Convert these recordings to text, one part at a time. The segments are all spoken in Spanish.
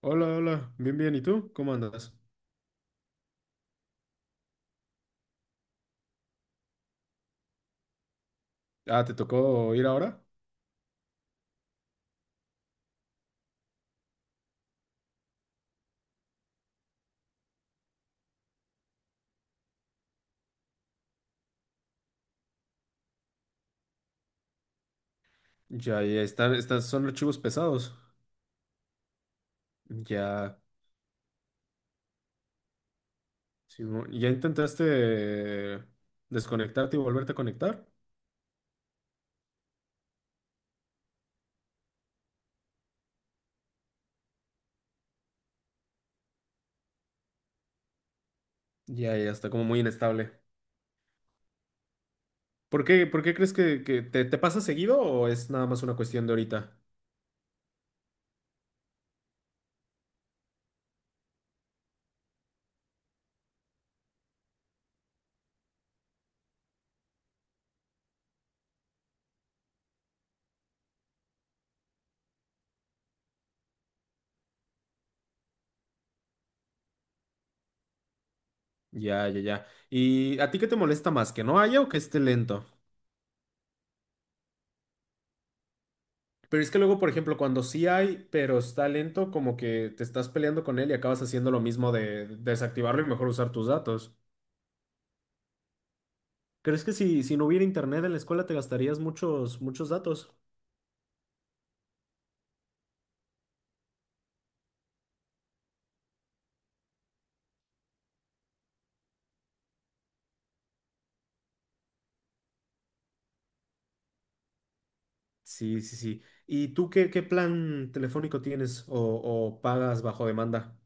Hola, hola, bien, bien. ¿Y tú? ¿Cómo andas? Ah, ¿te tocó ir ahora? Ya, ya estas son archivos pesados. Ya, sí, ¿ya intentaste desconectarte y volverte a conectar? Ya, ya está como muy inestable. ¿Por qué crees que te pasa seguido o es nada más una cuestión de ahorita? Ya, ya, ya. ¿Y a ti qué te molesta más? ¿Que no haya o que esté lento? Pero es que luego, por ejemplo, cuando sí hay, pero está lento, como que te estás peleando con él y acabas haciendo lo mismo de desactivarlo y mejor usar tus datos. ¿Crees que si, si no hubiera internet en la escuela te gastarías muchos, muchos datos? Sí, sí, sí. ¿Y tú qué, plan telefónico tienes o pagas bajo demanda?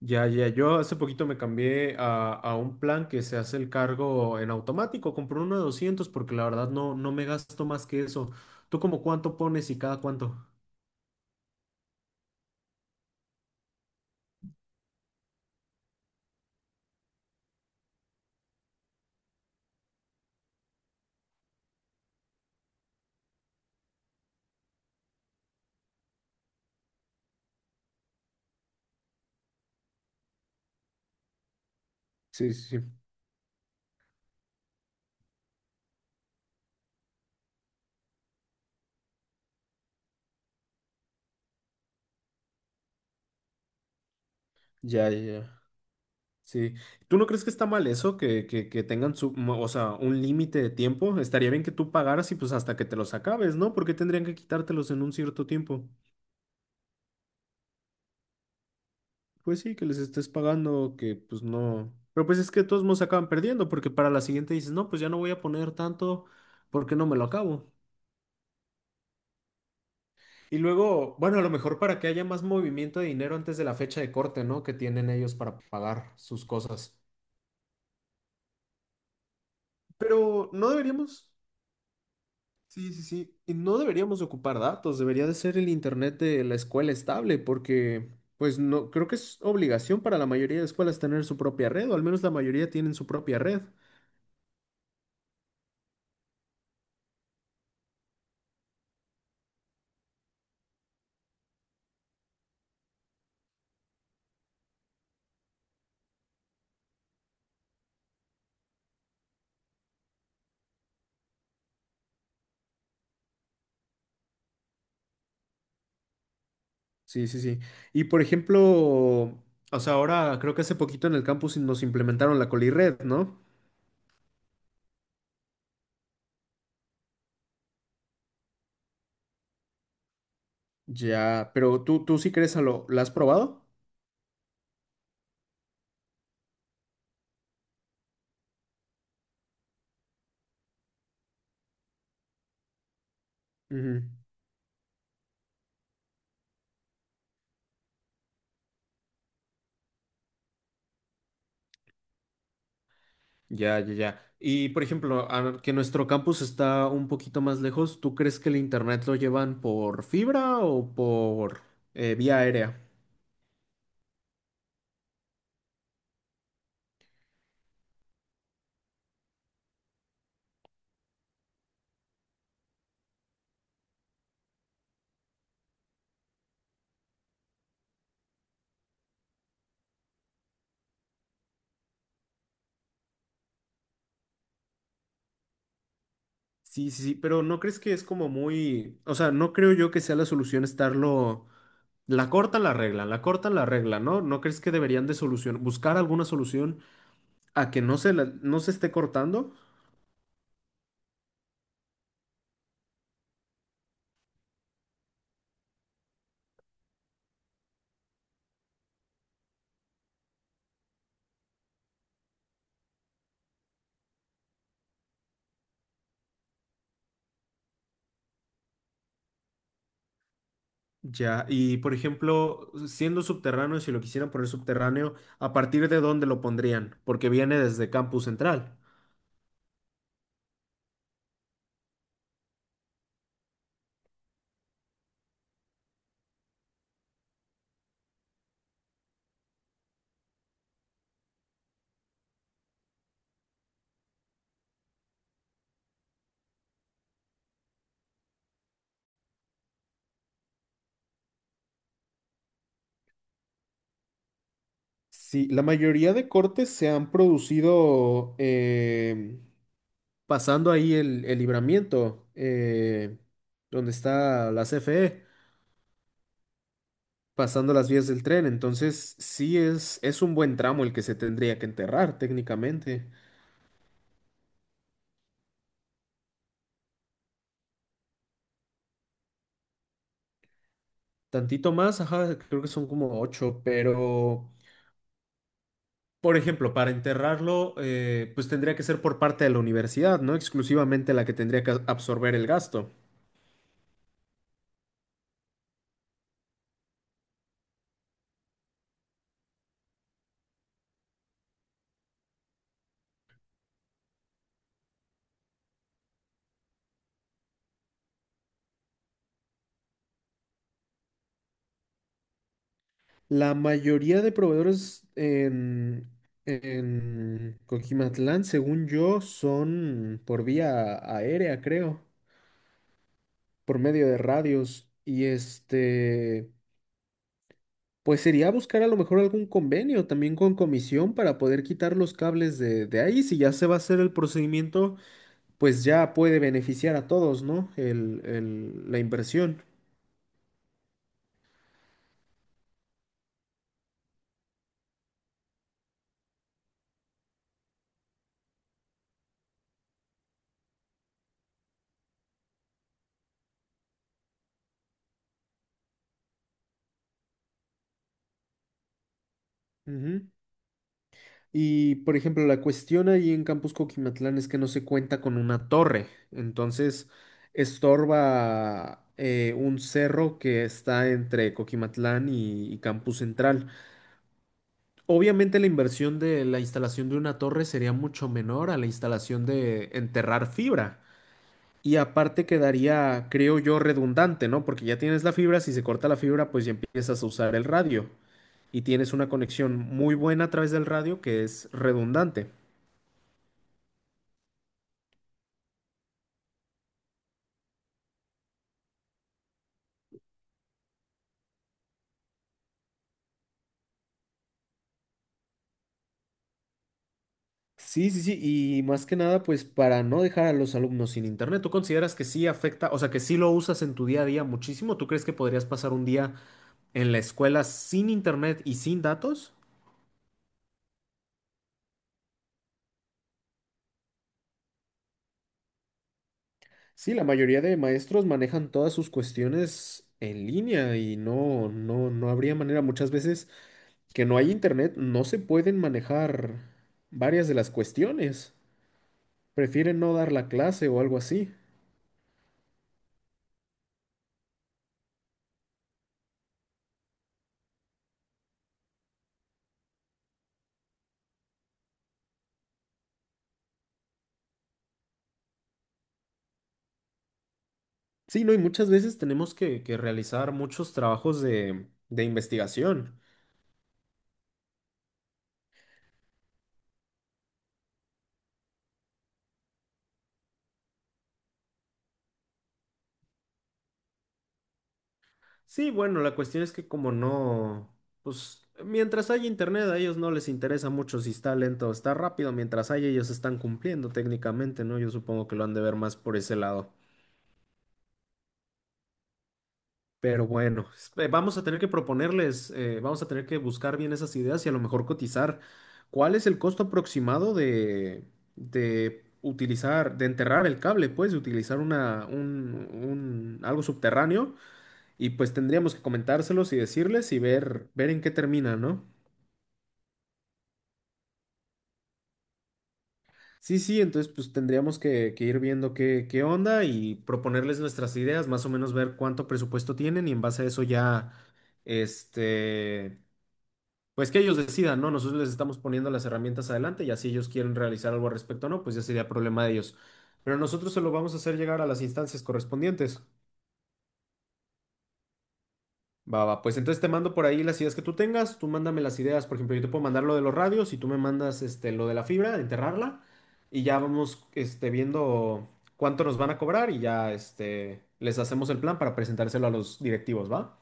Ya, ya, yo hace poquito me cambié a un plan que se hace el cargo en automático. Compré uno de 200 porque la verdad no me gasto más que eso. ¿Tú como cuánto pones y cada cuánto? Sí, sí, sí. Ya, ya, ya. Sí. ¿Tú no crees que está mal eso? Que tengan su, o sea, un límite de tiempo. Estaría bien que tú pagaras y pues hasta que te los acabes, ¿no? Porque tendrían que quitártelos en un cierto tiempo. Pues sí, que les estés pagando, que pues no. Pero pues es que de todos modos acaban perdiendo, porque para la siguiente dices, no, pues ya no voy a poner tanto porque no me lo acabo. Y luego, bueno, a lo mejor para que haya más movimiento de dinero antes de la fecha de corte, ¿no? Que tienen ellos para pagar sus cosas. Pero no deberíamos. Sí, sí, sí. Y no deberíamos ocupar datos, debería de ser el internet de la escuela estable, porque pues no, creo que es obligación para la mayoría de escuelas tener su propia red, o al menos la mayoría tienen su propia red. Sí, sí, sí. Y por ejemplo, o sea, ahora creo que hace poquito en el campus nos implementaron la Colired, ¿no? Ya, pero tú sí crees a lo, ¿la has probado? Ujú. Ya, ya, ya. Y por ejemplo, que nuestro campus está un poquito más lejos, ¿tú crees que el internet lo llevan por fibra o por vía aérea? Sí, sí, sí, pero ¿no crees que es como muy, o sea, no creo yo que sea la solución estarlo, la cortan la regla, la cortan la regla, ¿no? ¿No crees que deberían buscar alguna solución a que no se esté cortando? Ya, y por ejemplo, siendo subterráneo, si lo quisieran poner subterráneo, ¿a partir de dónde lo pondrían? Porque viene desde Campus Central. Sí, la mayoría de cortes se han producido pasando ahí el, libramiento, donde está la CFE, pasando las vías del tren. Entonces, sí es un buen tramo el que se tendría que enterrar técnicamente. Tantito más, ajá, creo que son como 8, pero, por ejemplo, para enterrarlo, pues tendría que ser por parte de la universidad, no exclusivamente la que tendría que absorber el gasto. La mayoría de proveedores en, Coquimatlán, según yo, son por vía aérea, creo, por medio de radios. Y este, pues sería buscar a lo mejor algún convenio también con comisión para poder quitar los cables de ahí. Si ya se va a hacer el procedimiento, pues ya puede beneficiar a todos, ¿no? El- la inversión. Ujú. Y, por ejemplo, la cuestión ahí en Campus Coquimatlán es que no se cuenta con una torre, entonces estorba un cerro que está entre Coquimatlán y Campus Central. Obviamente la inversión de la instalación de una torre sería mucho menor a la instalación de enterrar fibra. Y aparte quedaría, creo yo, redundante, ¿no? Porque ya tienes la fibra, si se corta la fibra, pues ya empiezas a usar el radio. Y tienes una conexión muy buena a través del radio que es redundante. Sí, sí, sí, y más que nada, pues para no dejar a los alumnos sin internet, ¿tú consideras que sí afecta, o sea, que sí lo usas en tu día a día muchísimo? ¿Tú crees que podrías pasar un día en la escuela sin internet y sin datos? Sí, la mayoría de maestros manejan todas sus cuestiones en línea y no, no, no habría manera. Muchas veces que no hay internet, no se pueden manejar varias de las cuestiones. Prefieren no dar la clase o algo así. Sí, no, y muchas veces tenemos que realizar muchos trabajos de, investigación. Sí, bueno, la cuestión es que como no, pues mientras haya internet a ellos no les interesa mucho si está lento o está rápido, mientras haya ellos están cumpliendo técnicamente, ¿no? Yo supongo que lo han de ver más por ese lado. Pero bueno, vamos a tener que proponerles, vamos a tener que buscar bien esas ideas y a lo mejor cotizar. ¿Cuál es el costo aproximado de, utilizar, de enterrar el cable, pues, de utilizar algo subterráneo? Y pues tendríamos que comentárselos y decirles y ver, en qué termina, ¿no? Sí, sí, entonces pues tendríamos que, ir viendo qué onda y proponerles nuestras ideas, más o menos ver cuánto presupuesto tienen y en base a eso ya, este. Pues que ellos decidan, ¿no? Nosotros les estamos poniendo las herramientas adelante y así ellos quieren realizar algo al respecto o no, pues ya sería problema de ellos. Pero nosotros se lo vamos a hacer llegar a las instancias correspondientes. Va, va, pues entonces te mando por ahí las ideas que tú tengas, tú mándame las ideas, por ejemplo, yo te puedo mandar lo de los radios y tú me mandas este, lo de la fibra, de enterrarla y ya vamos este, viendo cuánto nos van a cobrar y ya este, les hacemos el plan para presentárselo a los directivos, ¿va?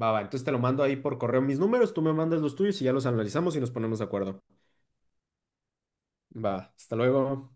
Va, va, entonces te lo mando ahí por correo mis números, tú me mandas los tuyos y ya los analizamos y nos ponemos de acuerdo. Va, hasta luego.